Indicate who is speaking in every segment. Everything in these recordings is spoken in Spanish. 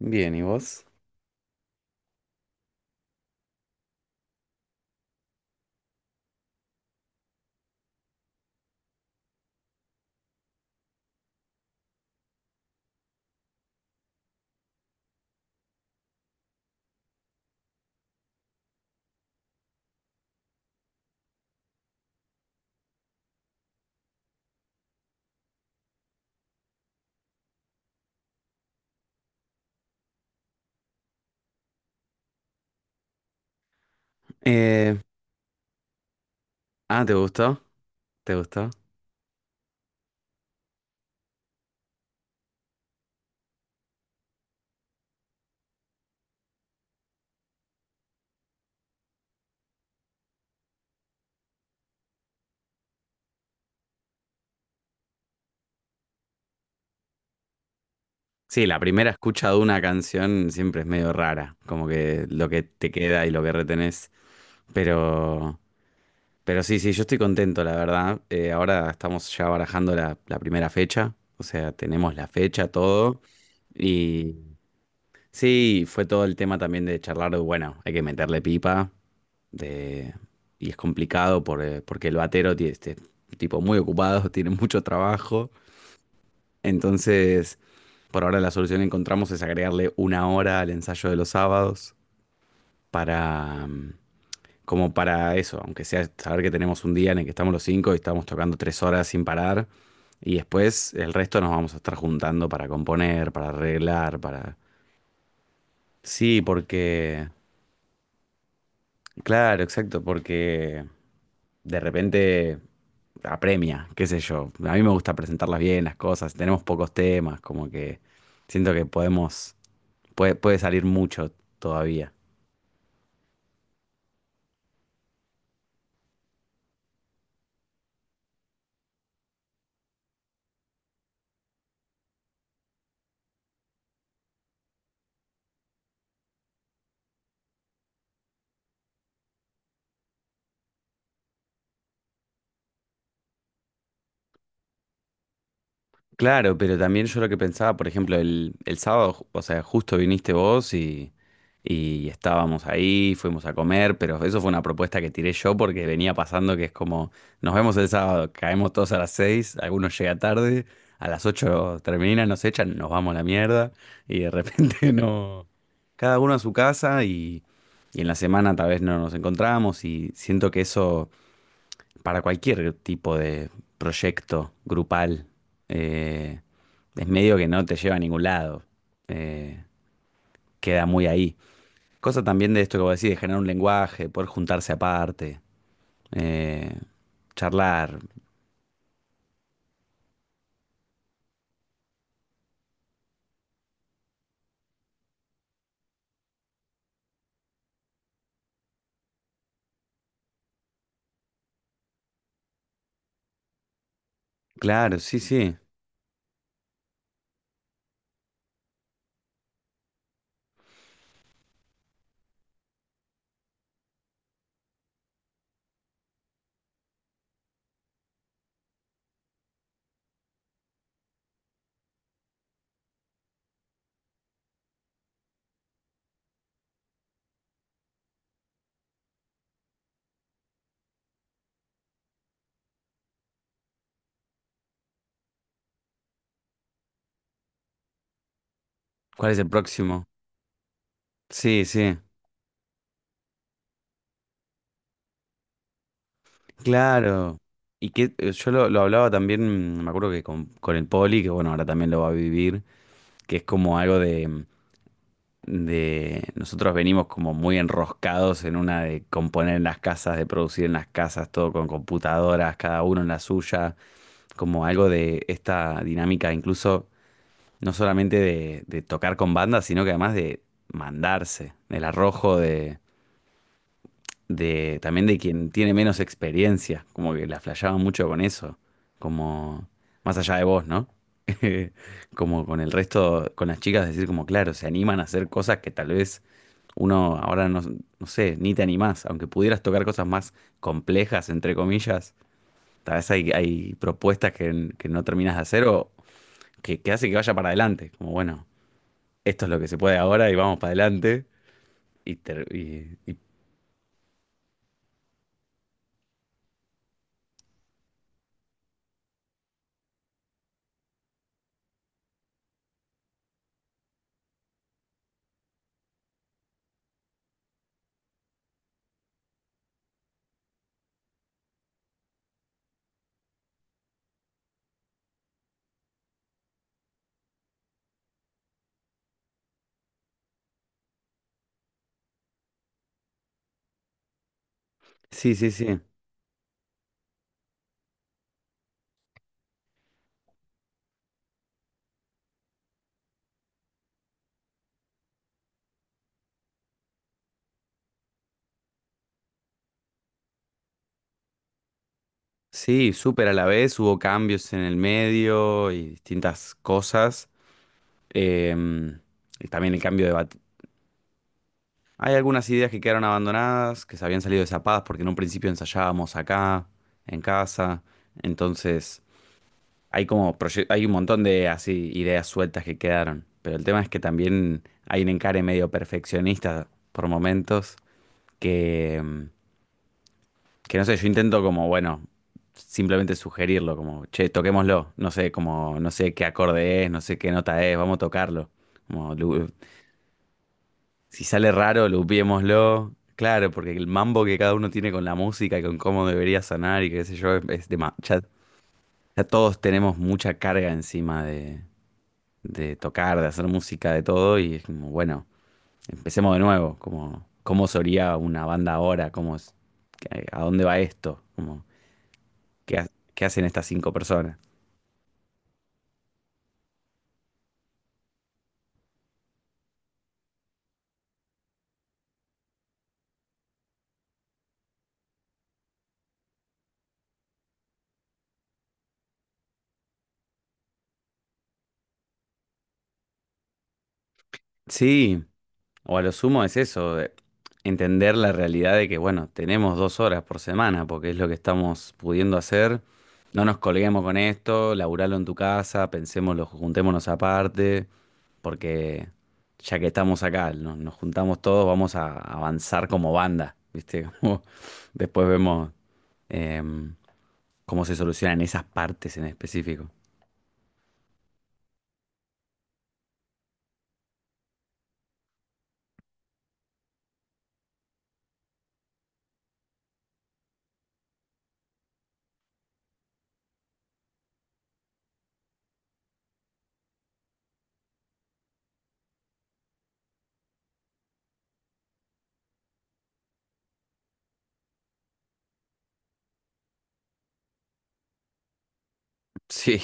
Speaker 1: Bien, ¿y vos? Eh, ah, ¿te gustó? ¿Te gustó? Sí, la primera escucha de una canción siempre es medio rara, como que lo que te queda y lo que retenés. Pero, pero, sí, sí, yo estoy contento, la verdad. Ahora estamos ya barajando la primera fecha, o sea, tenemos la fecha, todo. Y sí, fue todo el tema también de charlar, bueno, hay que meterle pipa. de, y es complicado porque el batero tiene, tipo muy ocupado, tiene mucho trabajo. Entonces, por ahora la solución que encontramos es agregarle una hora al ensayo de los sábados para, mm, como para eso, aunque sea saber que tenemos un día en el que estamos los cinco y estamos tocando 3 horas sin parar. Y después el resto nos vamos a estar juntando para componer, para arreglar, para. Sí, porque. Claro, exacto, porque de repente apremia, qué sé yo. A mí me gusta presentarlas bien, las cosas. Tenemos pocos temas, como que siento que podemos. Puede, salir mucho todavía. Claro, pero también yo lo que pensaba, por ejemplo, el sábado, o sea, justo viniste vos y estábamos ahí, fuimos a comer, pero eso fue una propuesta que tiré yo porque venía pasando que es como, nos vemos el sábado, caemos todos a las 6, algunos llega tarde, a las 8 terminan, nos echan, nos vamos a la mierda y de repente no, cada uno a su casa y en la semana tal vez no nos encontramos y siento que eso para cualquier tipo de proyecto grupal, eh, es medio que no te lleva a ningún lado, eh, queda muy ahí. Cosa también de esto que vos decís, de generar un lenguaje, poder juntarse aparte, eh, charlar. Claro, sí, sí. ¿Cuál es el próximo? Sí, sí. Claro. Y que yo lo hablaba también, me acuerdo que con el Poli, que bueno, ahora también lo va a vivir, que es como algo de nosotros venimos como muy enroscados en una de componer en las casas, de producir en las casas, todo con computadoras, cada uno en la suya, como algo de esta dinámica, incluso no solamente de tocar con bandas, sino que además de mandarse, el arrojo de también de quien tiene menos experiencia, como que la flasheaban mucho con eso, como más allá de vos, ¿no? Como con el resto, con las chicas, decir como, claro, se animan a hacer cosas que tal vez uno ahora no, no sé, ni te animás, aunque pudieras tocar cosas más complejas, entre comillas, tal vez hay propuestas que no terminas de hacer o que hace que vaya para adelante, como bueno, esto es lo que se puede ahora y vamos para adelante. Y, ter- y- y- sí, sí, sí. Sí, súper a la vez, hubo cambios en el medio y distintas cosas. Em, y también el cambio de bat. Hay algunas ideas que quedaron abandonadas, que se habían salido desapadas porque en un principio ensayábamos acá, en casa. Entonces, hay un montón de así ideas sueltas que quedaron. Pero el tema es que también hay un encare medio perfeccionista por momentos que, em, que no sé, yo intento como, bueno, simplemente sugerirlo, como, che, toquémoslo, no sé, como, no sé qué acorde es, no sé qué nota es, vamos a tocarlo. Como, si sale raro, lupiémoslo. Claro, porque el mambo que cada uno tiene con la música y con cómo debería sonar y qué sé yo, ya, ya todos tenemos mucha carga encima de tocar, de hacer música, de todo, y es como, bueno, empecemos de nuevo, como, cómo sería una banda ahora, cómo es, a dónde va esto, como que, ha- que hacen estas cinco personas. Sí, o a lo sumo es eso, de entender la realidad de que, bueno, tenemos 2 horas por semana, porque es lo que estamos pudiendo hacer. No nos colguemos con esto, laburalo en tu casa, pensémoslo, juntémonos aparte, porque ya que estamos acá, nos juntamos todos, vamos a avanzar como banda, ¿viste? Como después vemos em, cómo se solucionan esas partes en específico. Sí,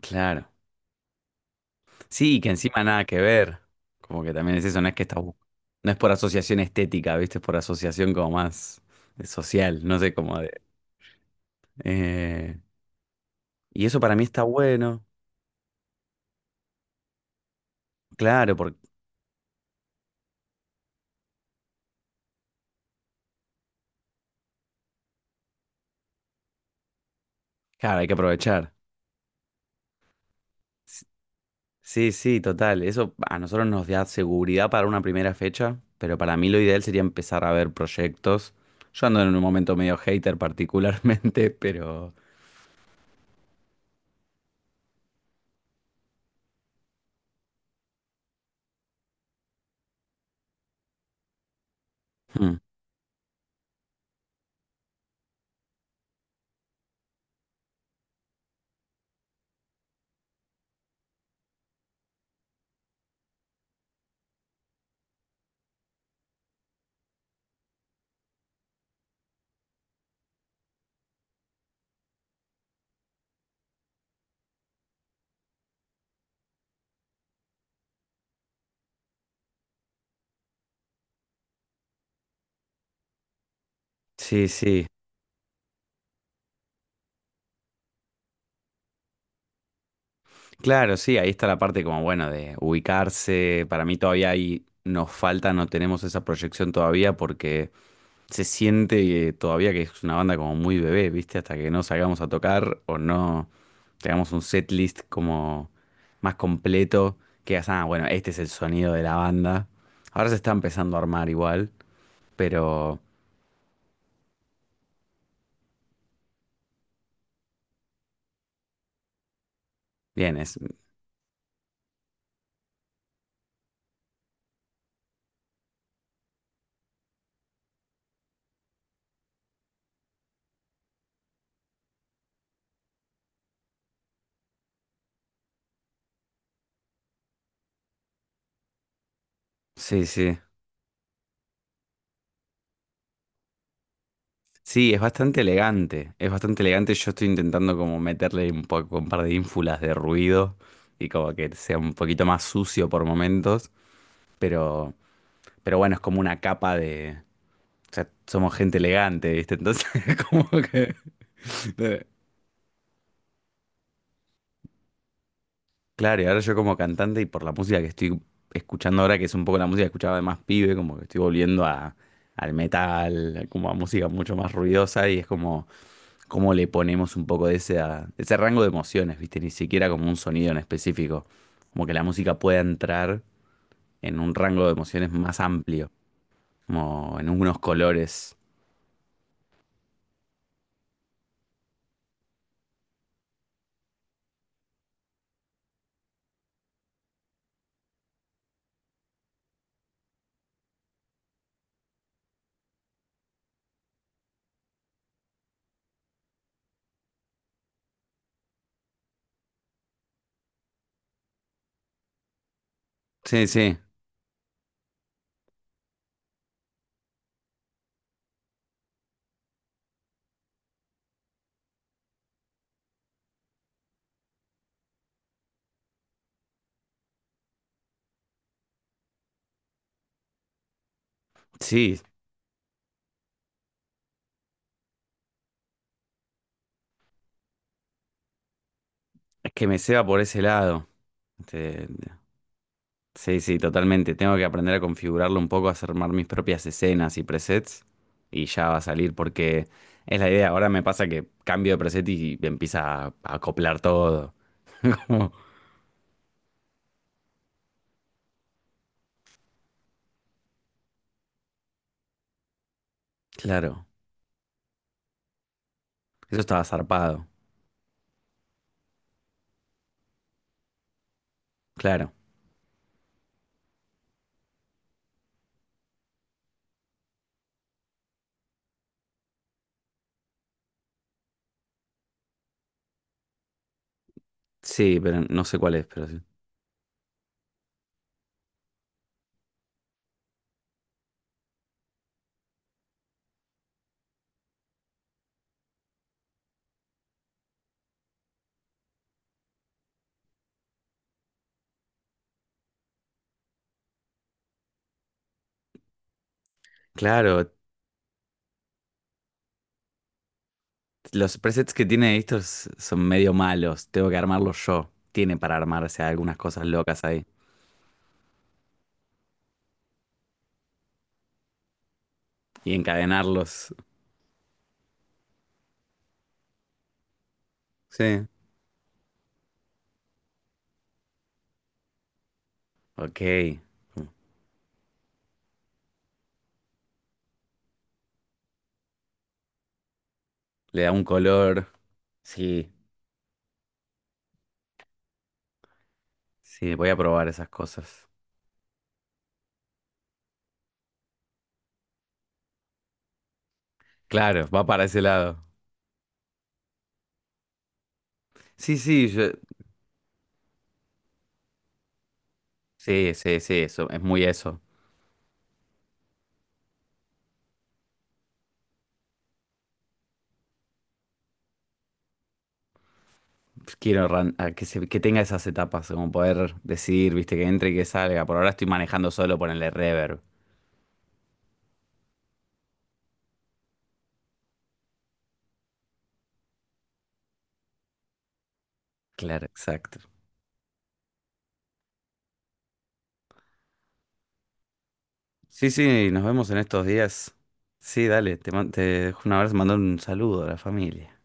Speaker 1: claro. Sí, que encima nada que ver. Como que también es eso, no es que está. No es por asociación estética, ¿viste? Es por asociación como más de social, no sé cómo de. eh, y eso para mí está bueno, claro, claro, hay que aprovechar. S- Sí, sí, total. Eso a nosotros nos da seguridad para una primera fecha, pero para mí lo ideal sería empezar a ver proyectos. Yo ando en un momento medio hater particularmente, pero. Hmm. Sí, sí. Claro, sí, ahí está la parte como, bueno, de ubicarse. Para mí todavía ahí nos falta, no tenemos esa proyección todavía porque se siente todavía que es una banda como muy bebé, ¿viste? Hasta que no salgamos a tocar o no tengamos un setlist como más completo, que digas, ah, bueno, este es el sonido de la banda. Ahora se está empezando a armar igual, pero bien, es. Sí, sí. Sí, es bastante elegante, es bastante elegante. Yo estoy intentando como meterle un poco, un par de ínfulas de ruido y como que sea un poquito más sucio por momentos, pero, pero, bueno, es como una capa de. O sea, somos gente elegante, ¿viste? Entonces, como que. Claro, y ahora yo como cantante y por la música que estoy escuchando ahora, que es un poco la música que escuchaba de más pibe, como que estoy volviendo a, al metal, como a música mucho más ruidosa y es como. Cómo le ponemos un poco de ese, de ese rango de emociones, ¿viste? Ni siquiera como un sonido en específico. Como que la música pueda entrar en un rango de emociones más amplio, como en unos colores. Sí, sí, sí, es que me ceba por ese lado. Este, sí, sí, totalmente. Tengo que aprender a configurarlo un poco, a armar mis propias escenas y presets y ya va a salir porque es la idea. Ahora me pasa que cambio de preset y empieza a acoplar todo. Como, claro, eso estaba zarpado. Claro, sí, pero no sé cuál es, pero sí. Claro, los presets que tiene estos son medio malos, tengo que armarlos yo. Tiene para armarse algunas cosas locas ahí y encadenarlos. Sí. Ok, le da un color. Sí, sí, voy a probar esas cosas. Claro, va para ese lado. Sí, sí, sí, sí, sí, eso, es muy eso. Quiero que tenga esas etapas, como poder decidir, viste, que entre y que salga. Por ahora estoy manejando solo, ponerle reverb. Claro, exacto. Sí, sí, nos vemos en estos días. Sí, dale, te dejo un abrazo, mando un saludo a la familia.